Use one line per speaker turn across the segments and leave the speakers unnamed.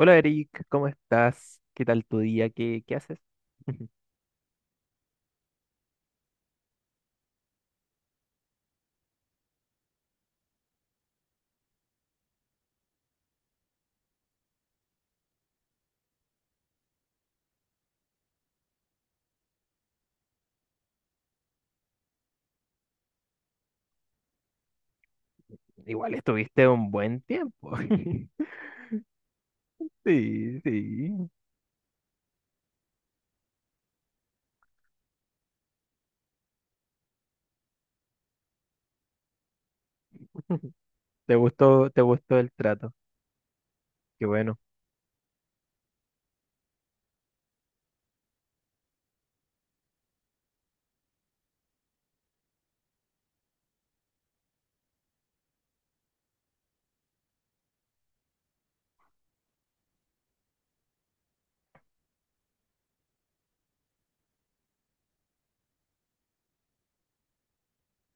Hola Eric, ¿cómo estás? ¿Qué tal tu día? ¿Qué haces? Igual estuviste un buen tiempo. Sí, sí. ¿Te gustó el trato? Qué bueno,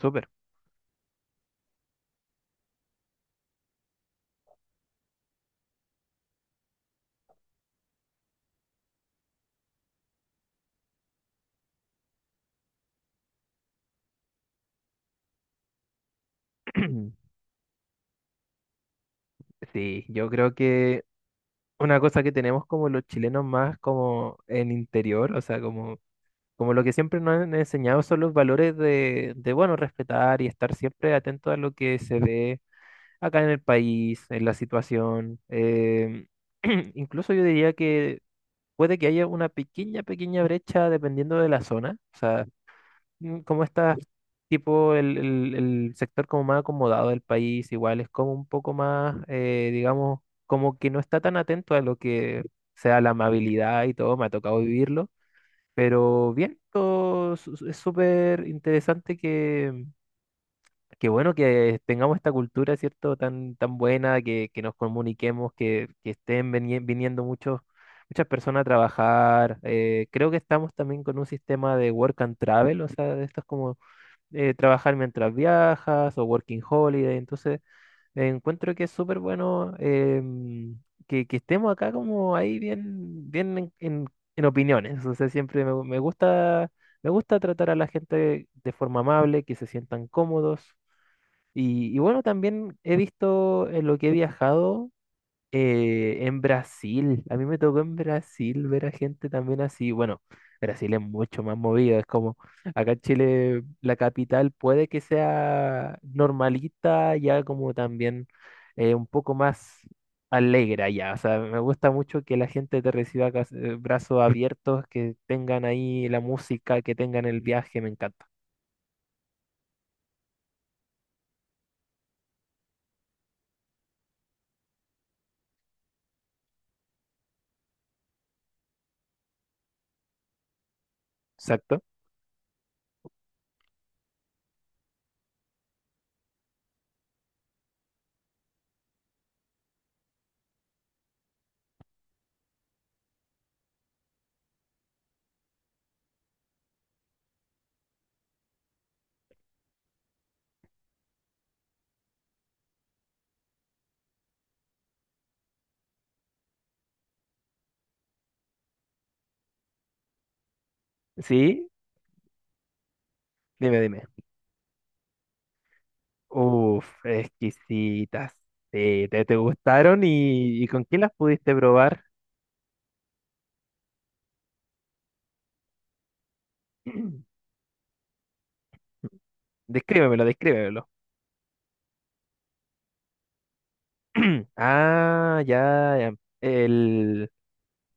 súper. Sí, yo creo que una cosa que tenemos como los chilenos más como en interior, o sea, como, como lo que siempre nos han enseñado son los valores de, bueno, respetar y estar siempre atento a lo que se ve acá en el país, en la situación. Incluso yo diría que puede que haya una pequeña brecha dependiendo de la zona. O sea, como está tipo el sector como más acomodado del país, igual es como un poco más, digamos, como que no está tan atento a lo que sea la amabilidad y todo, me ha tocado vivirlo. Pero bien, todo es súper interesante. Qué bueno que tengamos esta cultura, ¿cierto? Tan buena, que nos comuniquemos, que estén viniendo muchos, muchas personas a trabajar. Creo que estamos también con un sistema de work and travel, o sea, de estos como trabajar mientras viajas o working holiday. Entonces, encuentro que es súper bueno, que estemos acá como ahí bien, bien en opiniones. O sea, siempre me gusta, me gusta tratar a la gente de forma amable, que se sientan cómodos. Y bueno, también he visto en lo que he viajado, en Brasil. A mí me tocó en Brasil ver a gente también así. Bueno, Brasil es mucho más movido. Es como acá en Chile, la capital puede que sea normalita, ya como también un poco más alegre allá. O sea, me gusta mucho que la gente te reciba brazos abiertos, que tengan ahí la música, que tengan el viaje. Me encanta. Exacto. Sí, dime, dime. Uf, exquisitas. Sí, te gustaron y, ¿y con quién las pudiste probar? Descríbemelo, descríbemelo. Ah, ya, ya. El,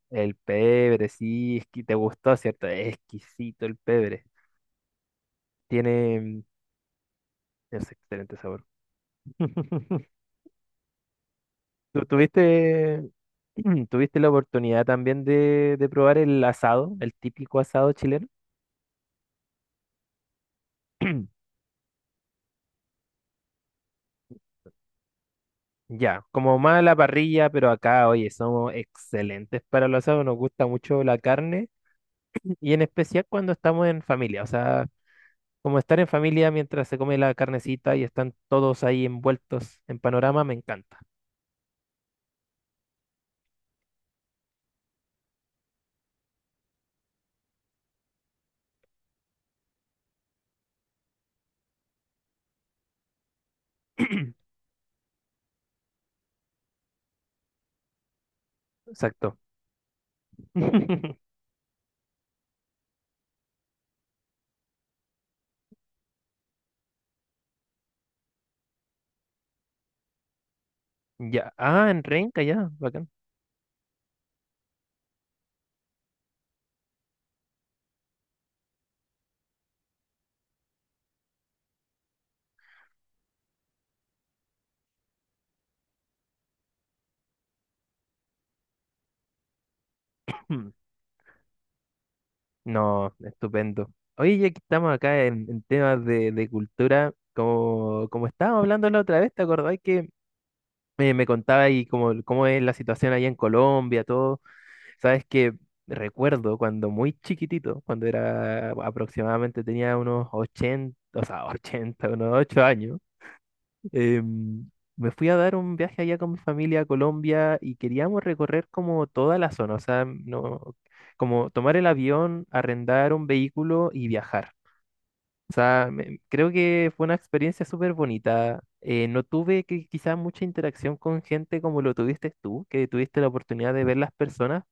el pebre, sí, es que te gustó, ¿cierto? Es exquisito el pebre. Tiene es excelente sabor. ¿Tú tuviste, tuviste la oportunidad también de probar el asado, el típico asado chileno? Ya, como más la parrilla, pero acá, oye, somos excelentes para los asados, nos gusta mucho la carne y en especial cuando estamos en familia, o sea, como estar en familia mientras se come la carnecita y están todos ahí envueltos en panorama, me encanta. Exacto. Ya, ah, en Renca, ya, bacán. Hmm, No, estupendo. Oye, ya que estamos acá en temas de cultura, como, como estábamos hablando la otra vez, ¿te acordáis que me contaba ahí cómo, cómo es la situación allá en Colombia, todo? Sabes que recuerdo cuando muy chiquitito, cuando era aproximadamente tenía unos 80 o sea, 80 unos 8 años, em, me fui a dar un viaje allá con mi familia a Colombia y queríamos recorrer como toda la zona, o sea, no, como tomar el avión, arrendar un vehículo y viajar. O sea, creo que fue una experiencia súper bonita. No tuve que, quizás mucha interacción con gente como lo tuviste tú, que tuviste la oportunidad de ver las personas,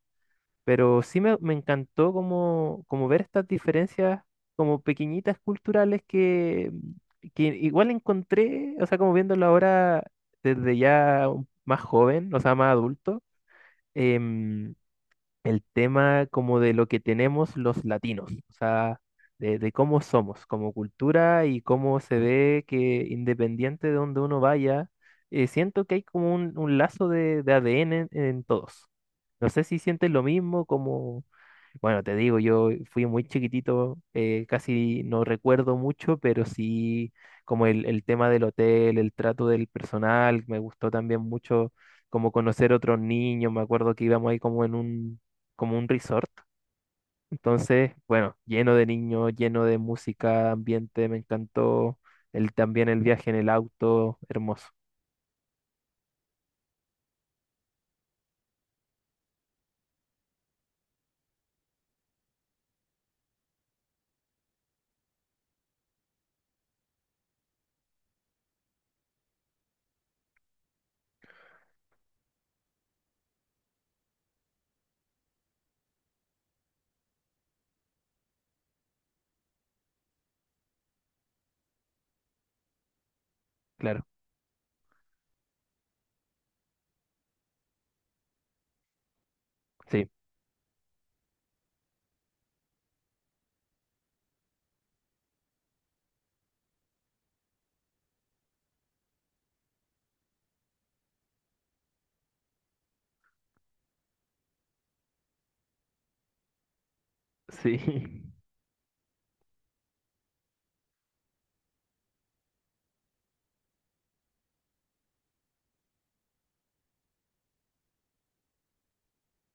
pero sí me encantó como, como ver estas diferencias como pequeñitas culturales que igual encontré, o sea, como viéndolo ahora desde ya más joven, o sea, más adulto, em, el tema como de lo que tenemos los latinos, o sea, de cómo somos como cultura y cómo se ve que independiente de donde uno vaya, siento que hay como un lazo de ADN en todos. No sé si sientes lo mismo, como... Bueno, te digo, yo fui muy chiquitito, casi no recuerdo mucho, pero sí como el tema del hotel, el trato del personal, me gustó también mucho como conocer otros niños, me acuerdo que íbamos ahí como en un, como un resort, entonces, bueno, lleno de niños, lleno de música, ambiente, me encantó el, también el viaje en el auto, hermoso, claro, sí, sí,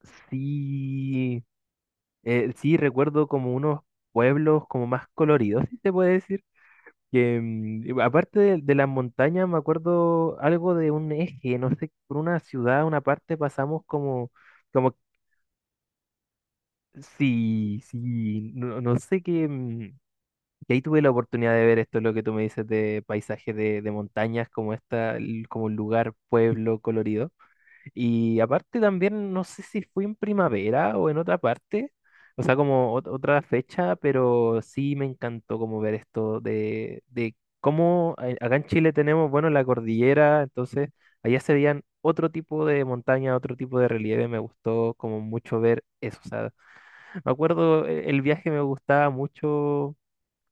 sí. Sí, recuerdo como unos pueblos como más coloridos, si se puede decir. Que, aparte de las montañas, me acuerdo algo de un eje, no sé, por una ciudad, una parte pasamos como, como, sí, sí, no, no sé qué, que ahí tuve la oportunidad de ver esto, lo que tú me dices de paisaje de montañas, como esta, como un lugar, pueblo colorido. Y aparte también, no sé si fue en primavera o en otra parte, o sea, como otra fecha, pero sí me encantó como ver esto de cómo acá en Chile tenemos, bueno, la cordillera, entonces allá se veían otro tipo de montaña, otro tipo de relieve, me gustó como mucho ver eso, o sea, me acuerdo el viaje me gustaba mucho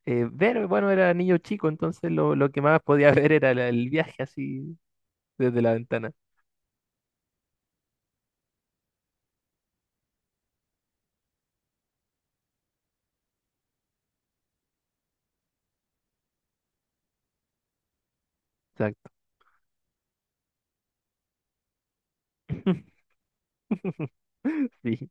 ver, bueno, era niño chico, entonces lo que más podía ver era el viaje así desde la ventana, exacto. Sí,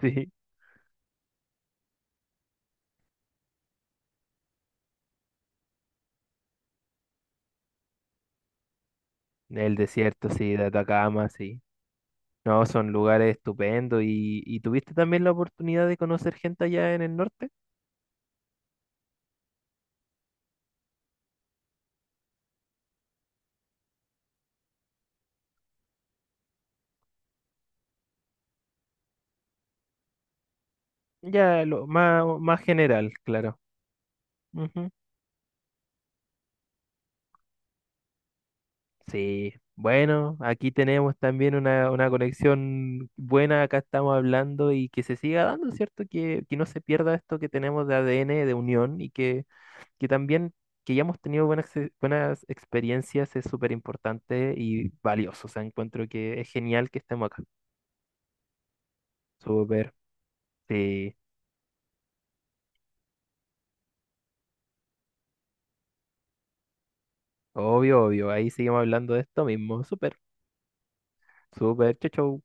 sí. El desierto, sí, de Atacama, sí. No, son lugares estupendos. Y tuviste también la oportunidad de conocer gente allá en el norte? Ya, lo más, más general, claro. Ujú. Sí. Bueno, aquí tenemos también una conexión buena, acá estamos hablando y que se siga dando, ¿cierto? Que no se pierda esto que tenemos de ADN, de unión y que también que hayamos tenido buenas, buenas experiencias es súper importante y valioso. O sea, encuentro que es genial que estemos acá. Súper, sí, obvio, obvio. Ahí seguimos hablando de esto mismo. Súper, súper, chau, chau.